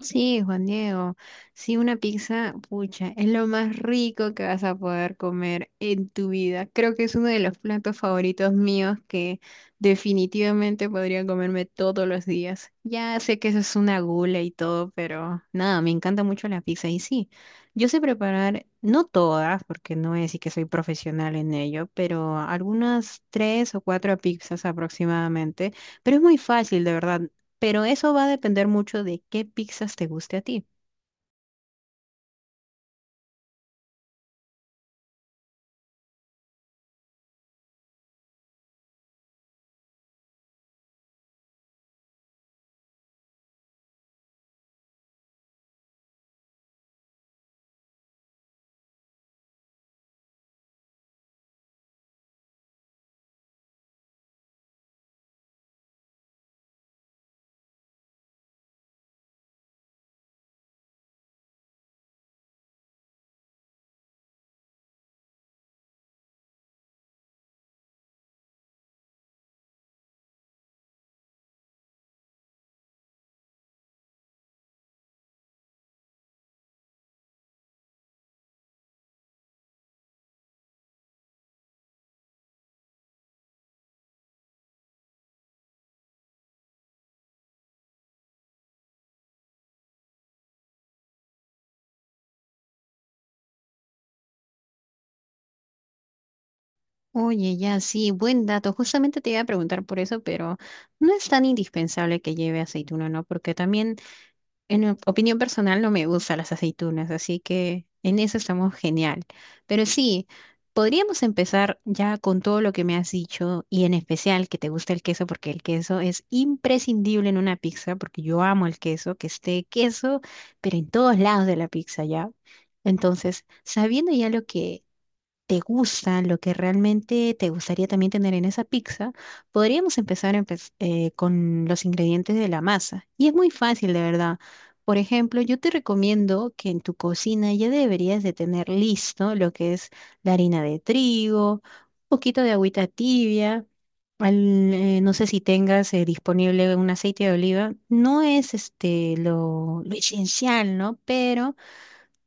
Sí, Juan Diego, sí, una pizza, pucha, es lo más rico que vas a poder comer en tu vida. Creo que es uno de los platos favoritos míos que definitivamente podría comerme todos los días. Ya sé que eso es una gula y todo, pero nada, me encanta mucho la pizza y sí, yo sé preparar, no todas, porque no es y que soy profesional en ello, pero algunas tres o cuatro pizzas aproximadamente. Pero es muy fácil, de verdad. Pero eso va a depender mucho de qué pizzas te guste a ti. Oye, ya sí, buen dato. Justamente te iba a preguntar por eso, pero no es tan indispensable que lleve aceituna, ¿no? Porque también opinión personal no me gustan las aceitunas, así que en eso estamos genial. Pero sí, podríamos empezar ya con todo lo que me has dicho y en especial que te gusta el queso porque el queso es imprescindible en una pizza porque yo amo el queso, que esté queso, pero en todos lados de la pizza ya. Entonces, sabiendo ya lo que te gusta, lo que realmente te gustaría también tener en esa pizza, podríamos empezar con los ingredientes de la masa. Y es muy fácil, de verdad. Por ejemplo, yo te recomiendo que en tu cocina ya deberías de tener listo lo que es la harina de trigo, un poquito de agüita tibia. No sé si tengas disponible un aceite de oliva. No es este lo esencial, ¿no? Pero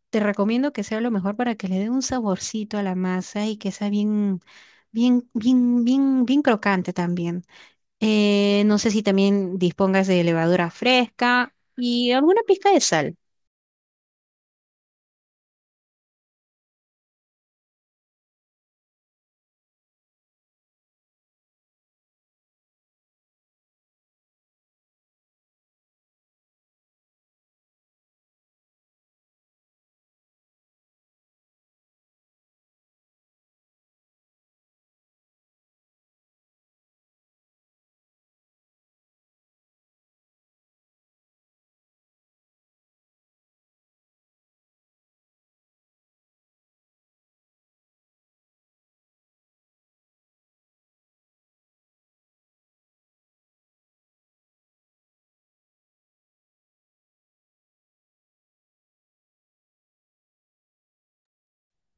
te recomiendo que sea lo mejor para que le dé un saborcito a la masa y que sea bien, bien, bien, bien, bien crocante también. No sé si también dispongas de levadura fresca y alguna pizca de sal.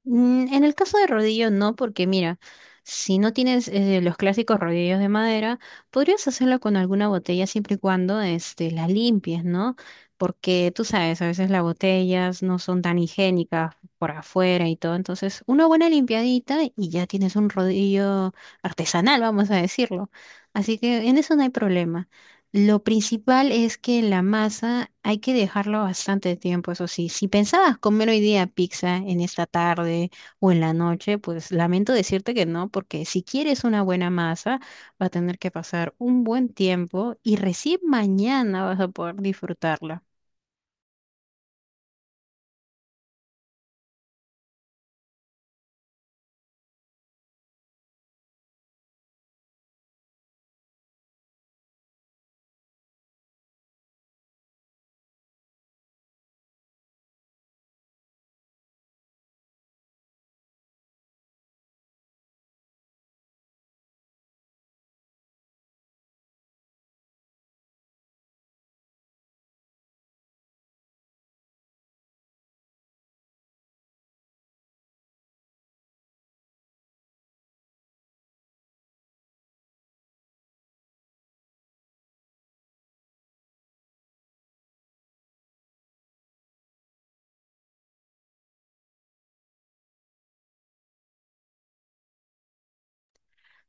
En el caso de rodillo, no, porque mira, si no tienes los clásicos rodillos de madera, podrías hacerlo con alguna botella siempre y cuando este, la limpies, ¿no? Porque tú sabes, a veces las botellas no son tan higiénicas por afuera y todo. Entonces, una buena limpiadita y ya tienes un rodillo artesanal, vamos a decirlo. Así que en eso no hay problema. Lo principal es que la masa hay que dejarla bastante tiempo, eso sí. Si pensabas comer hoy día pizza en esta tarde o en la noche, pues lamento decirte que no, porque si quieres una buena masa, va a tener que pasar un buen tiempo y recién mañana vas a poder disfrutarla.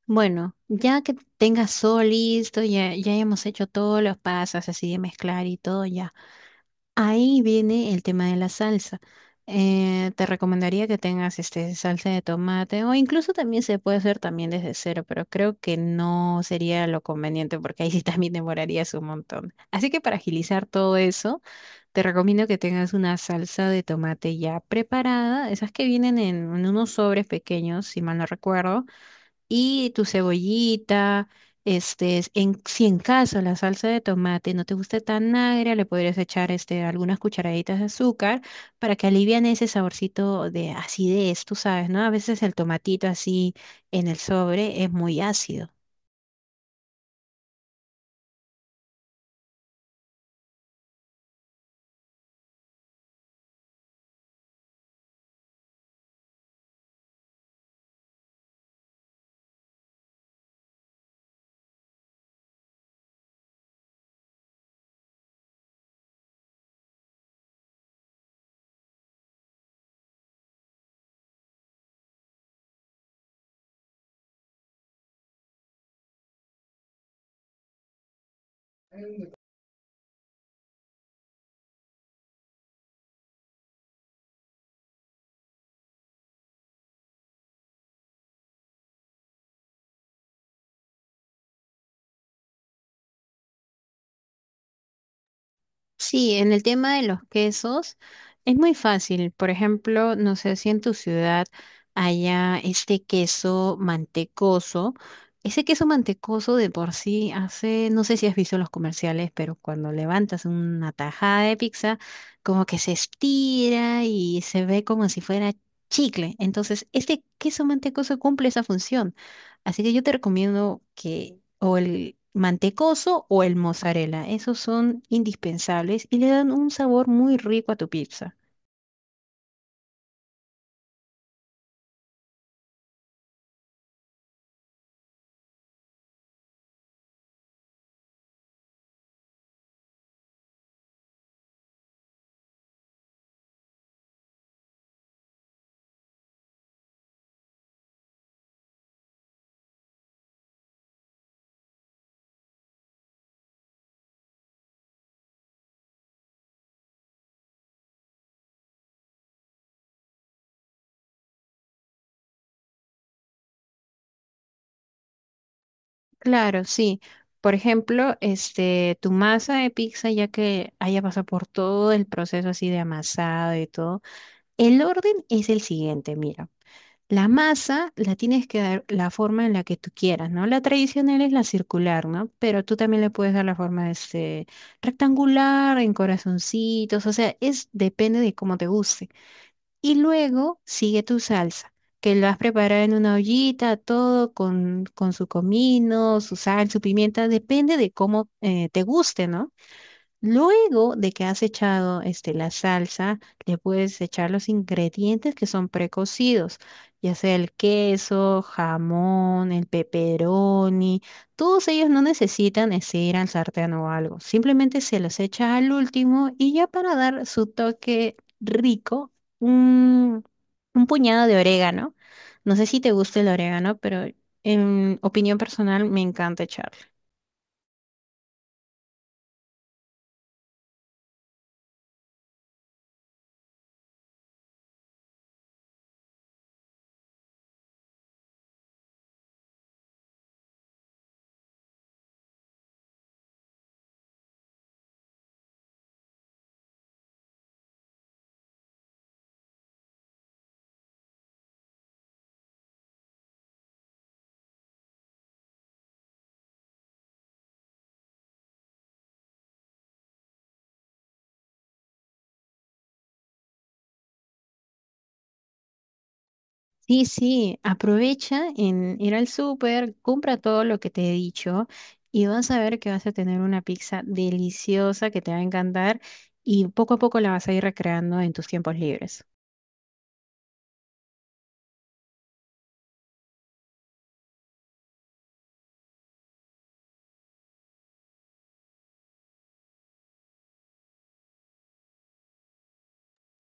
Bueno, ya que tengas todo listo, ya, ya hemos hecho todos los pasos así de mezclar y todo, ya. Ahí viene el tema de la salsa. Te recomendaría que tengas este salsa de tomate o incluso también se puede hacer también desde cero, pero creo que no sería lo conveniente porque ahí sí también demorarías un montón. Así que para agilizar todo eso, te recomiendo que tengas una salsa de tomate ya preparada, esas que vienen en unos sobres pequeños, si mal no recuerdo, y tu cebollita, este, en, si en caso la salsa de tomate no te guste tan agria, le podrías echar este, algunas cucharaditas de azúcar para que alivian ese saborcito de acidez, tú sabes, ¿no? A veces el tomatito así en el sobre es muy ácido. Sí, en el tema de los quesos es muy fácil. Por ejemplo, no sé si en tu ciudad haya este queso mantecoso. Ese queso mantecoso de por sí hace, no sé si has visto los comerciales, pero cuando levantas una tajada de pizza, como que se estira y se ve como si fuera chicle. Entonces, este queso mantecoso cumple esa función. Así que yo te recomiendo que o el mantecoso o el mozzarella, esos son indispensables y le dan un sabor muy rico a tu pizza. Claro, sí. Por ejemplo, este, tu masa de pizza, ya que haya pasado por todo el proceso así de amasado y todo, el orden es el siguiente, mira. La masa la tienes que dar la forma en la que tú quieras, ¿no? La tradicional es la circular, ¿no? Pero tú también le puedes dar la forma este, rectangular, en corazoncitos, o sea, es depende de cómo te guste. Y luego sigue tu salsa, que la vas a preparar en una ollita, todo con su comino, su sal, su pimienta, depende de cómo te guste, ¿no? Luego de que has echado este, la salsa, le puedes echar los ingredientes que son precocidos, ya sea el queso, jamón, el pepperoni. Todos ellos no necesitan este, ir al sartén o algo. Simplemente se los echa al último y ya para dar su toque rico, un, un puñado de orégano. No sé si te gusta el orégano, pero en opinión personal me encanta echarlo. Sí, sí, aprovecha en ir al súper, compra todo lo que te he dicho y vas a ver que vas a tener una pizza deliciosa que te va a encantar y poco a poco la vas a ir recreando en tus tiempos libres.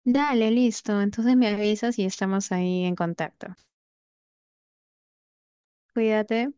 Dale, listo. Entonces me avisas y estamos ahí en contacto. Cuídate.